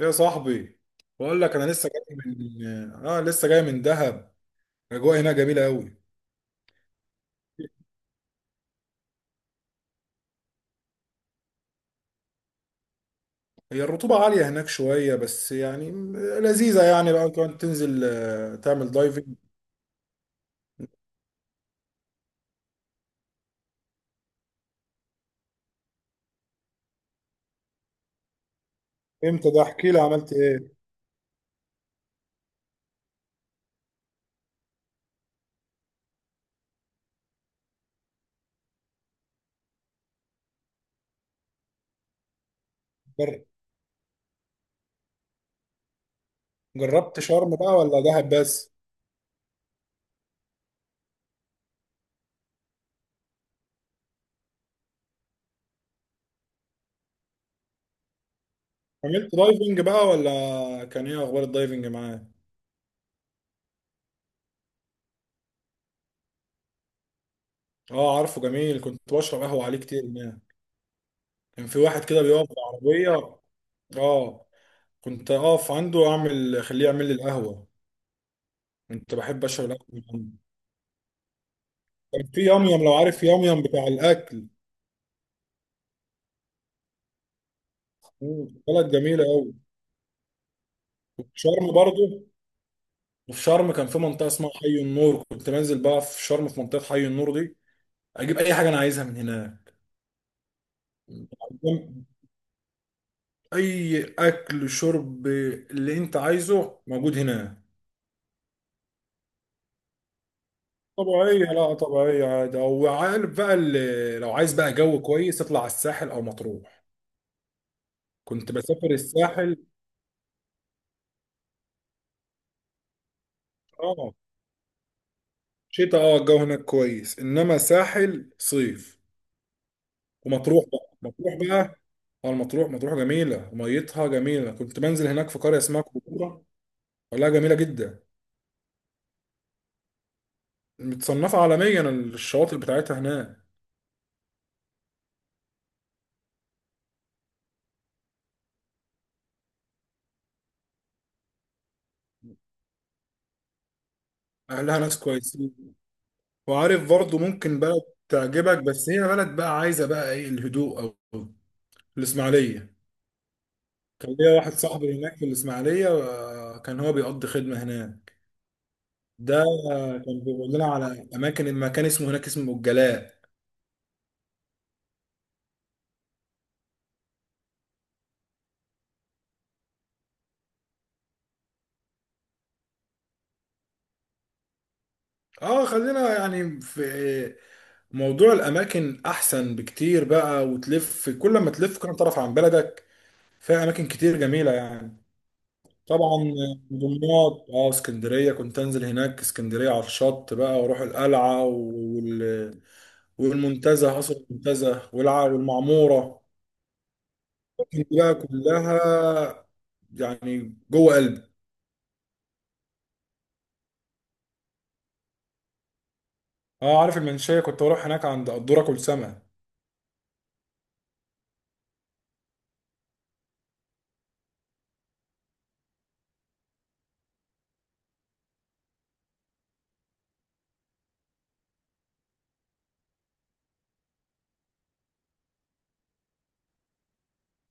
يا صاحبي، بقول لك انا لسه جاي من اه لسه جاي من دهب. الاجواء هناك جميله قوي. هي الرطوبه عاليه هناك شويه، بس يعني لذيذه، يعني بقى كمان تنزل، تعمل دايفنج. امتى ده؟ احكي لي، عملت ايه؟ جر- جربت شرم بقى ولا دهب بس؟ عملت دايفنج بقى، ولا كان ايه اخبار الدايفنج معاك؟ اه عارفه، جميل، كنت بشرب قهوه عليه كتير هناك. كان في واحد كده بيقف بالعربيه، اه، كنت اقف عنده اعمل خليه يعمل لي القهوه. كنت بحب اشرب القهوه من عنده. كان في ياميام، لو عارف ياميام بتاع الاكل. مم، بلد جميله قوي. وفي شرم برضو. وفي شرم كان في منطقه اسمها حي النور، كنت بنزل بقى في شرم في منطقه حي النور دي. اجيب اي حاجه انا عايزها من هناك. اي اكل، شرب، اللي انت عايزه موجود هناك. طبيعيه، لا طبيعيه عادي. او عارف بقى، اللي لو عايز بقى جو كويس اطلع على الساحل او مطروح. كنت بسافر الساحل. اه، شتاء. اه، الجو هناك كويس، انما ساحل صيف. ومطروح بقى، مطروح بقى. اه، المطروح، مطروح جميله، ميتها جميله، كنت بنزل هناك في قريه اسمها كوكورة. والله جميله جدا. متصنفه عالميا الشواطئ بتاعتها هناك. اهلها ناس كويسين، وعارف برضه ممكن بلد تعجبك، بس هي بلد بقى عايزه بقى ايه، الهدوء، او الاسماعيليه. كان ليا واحد صاحبي هناك في الاسماعيليه، كان هو بيقضي خدمه هناك. ده، كان بيقول لنا على اماكن، المكان اسمه هناك اسمه الجلاء. اه، خلينا يعني في موضوع الاماكن احسن بكتير بقى وتلف. كل ما تلف كل ما تعرف عن بلدك، فيها اماكن كتير جميله يعني. طبعا. دمياط، اه، اسكندريه، كنت انزل هناك اسكندريه على الشط بقى، واروح القلعه والمنتزه، قصر المنتزه والمعموره. كنت بقى كلها يعني جوه قلبي. اه عارف المنشيه، كنت بروح هناك عند قدوره كل سمك.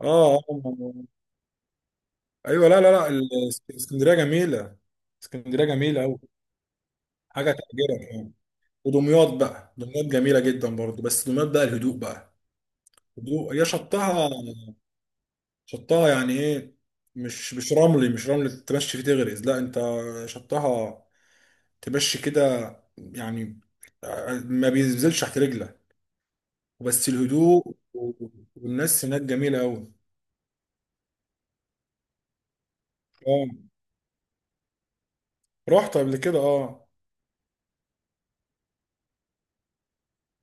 اه، آه. ايوه. لا لا لا، اسكندريه جميله. اسكندريه جميله قوي. حاجه تعجبك يعني. ودمياط بقى، دمياط جميلة جدا برضو، بس دمياط بقى الهدوء بقى. هدوء. هي شطها. شطها يعني ايه، مش رملي، مش رملي تمشي فيه تغرز، لا انت شطها تمشي كده يعني، ما بينزلش تحت رجلك. وبس الهدوء والناس هناك جميلة أوي. اه، رحت قبل كده، اه.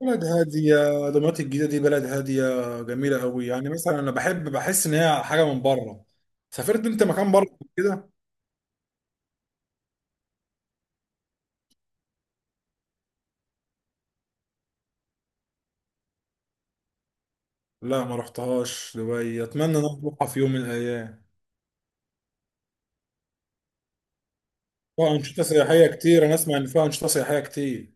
بلد هادية. دمياط الجديدة دي بلد هادية، جميلة أوي. يعني مثلا أنا بحس إن هي حاجة من بره. سافرت أنت مكان بره كده؟ لا ما رحتهاش دبي، اتمنى ان أنا اروحها في يوم من الايام. فيها انشطه سياحيه كتير، انا اسمع ان فيها انشطه سياحيه كتير.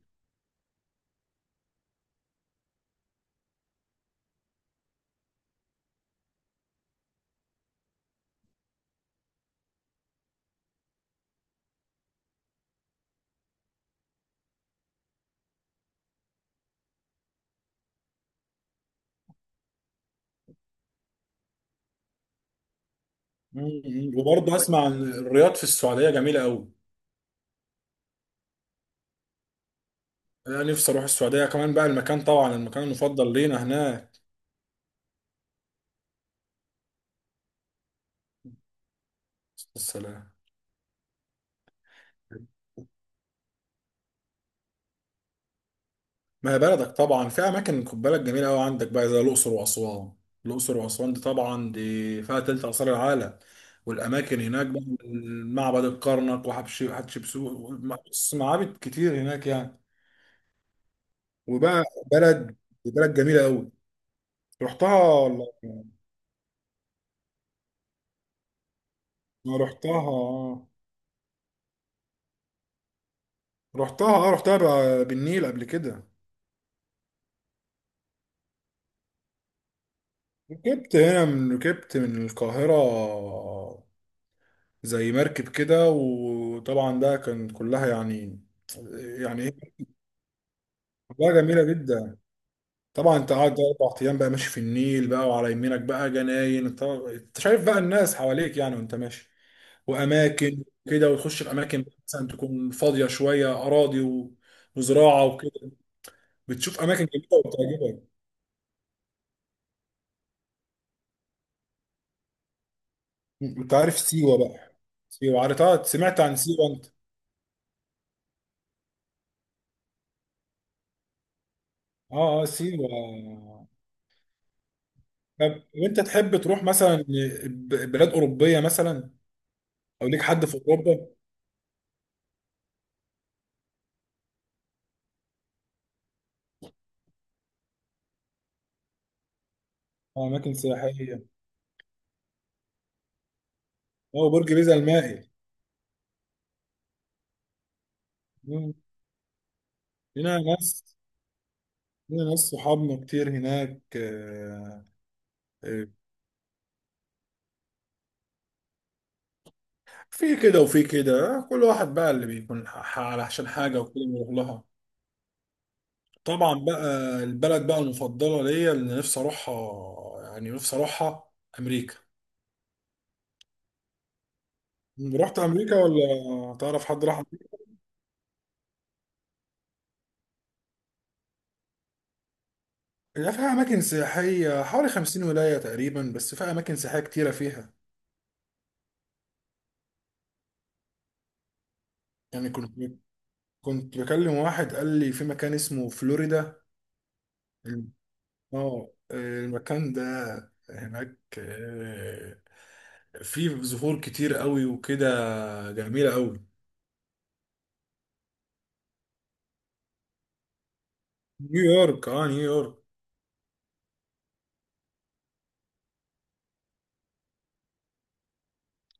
مم. وبرضه اسمع عن الرياض في السعوديه، جميله قوي. انا نفسي اروح السعوديه، كمان بقى المكان طبعا، المكان المفضل لينا هناك. السلام. ما هي بلدك طبعا، في اماكن خد بالك جميله قوي عندك بقى، زي الاقصر واسوان. الاقصر واسوان دي طبعا، دي فيها تلت اثار العالم. والاماكن هناك بقى، معبد الكرنك وحتشبسوت، بص معابد كتير هناك يعني. وبقى، بلد بلد جميله قوي. رحتها انا، رحتها رحتها بقى بالنيل قبل كده. ركبت من القاهره، زي مركب كده، وطبعا ده كان كلها يعني. يعني ايه؟ كلها جميله جدا. طبعا انت قاعد 4 ايام بقى، ماشي في النيل بقى، وعلى يمينك بقى جناين، انت شايف بقى الناس حواليك يعني وانت ماشي. واماكن كده، وتخش في اماكن مثلا تكون فاضيه شويه، اراضي وزراعه وكده. بتشوف اماكن جميله وبتعجبك. انت عارف سيوه بقى؟ سيوه عارفها؟ سمعت عن سيوه انت؟ اه، اه، سيوه. طب وانت تحب تروح مثلا بلاد اوروبيه مثلا، او ليك حد في اوروبا؟ اه، اماكن سياحيه. اه، برج بيزا المائل. مم. هنا ناس لينا ناس صحابنا كتير هناك، آه، في كده وفي كده، كل واحد بقى اللي بيكون علشان حاجة وكده بيروح لها. طبعا بقى، البلد بقى المفضلة ليا اللي نفسي أروحها، يعني نفسي أروحها، أمريكا. رحت أمريكا ولا تعرف حد راح أمريكا؟ لا، فيها أماكن سياحية، حوالي 50 ولاية تقريبا، بس فيها أماكن سياحية كتيرة فيها. يعني كنت بكلم واحد قال لي في مكان اسمه فلوريدا. اه، المكان ده هناك فيه زهور كتير قوي وكده، جميلة قوي. نيويورك، اه نيويورك.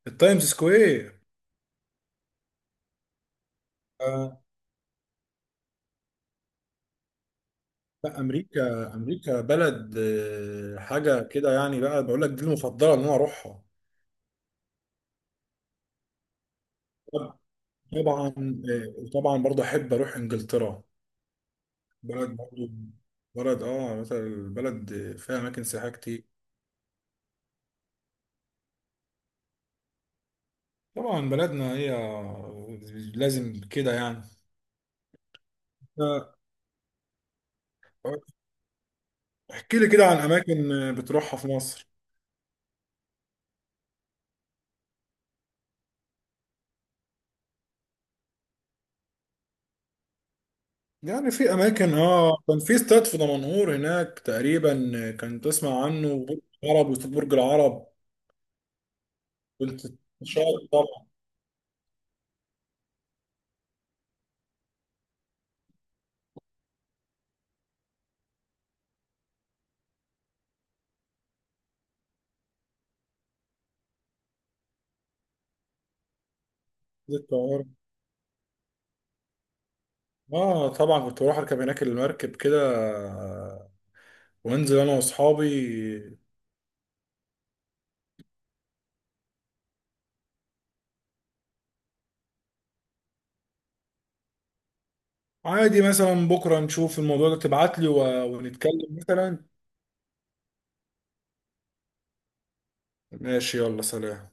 التايمز سكوير. آه. لا، امريكا، امريكا بلد، حاجة كده يعني بقى، بقول لك دي المفضلة ان انا اروحها. طبعا. وطبعا برضه احب اروح انجلترا. بلد برضه، بلد اه مثلا، البلد فيها اماكن سياحية كتير. طبعا بلدنا هي، لازم كده يعني. آه، احكي لي كده عن اماكن بتروحها في مصر. يعني في اماكن، اه، كان في استاد في دمنهور هناك تقريبا. كان تسمع عنه، برج العرب، واستاد برج العرب. كنت شاطر طبعا. في القاهره. اه طبعا، كنت بروح اركب هناك المركب كده، آه، وانزل انا واصحابي. عادي مثلا، بكره نشوف الموضوع ده، تبعت لي ونتكلم مثلا. ماشي، يلا، سلام.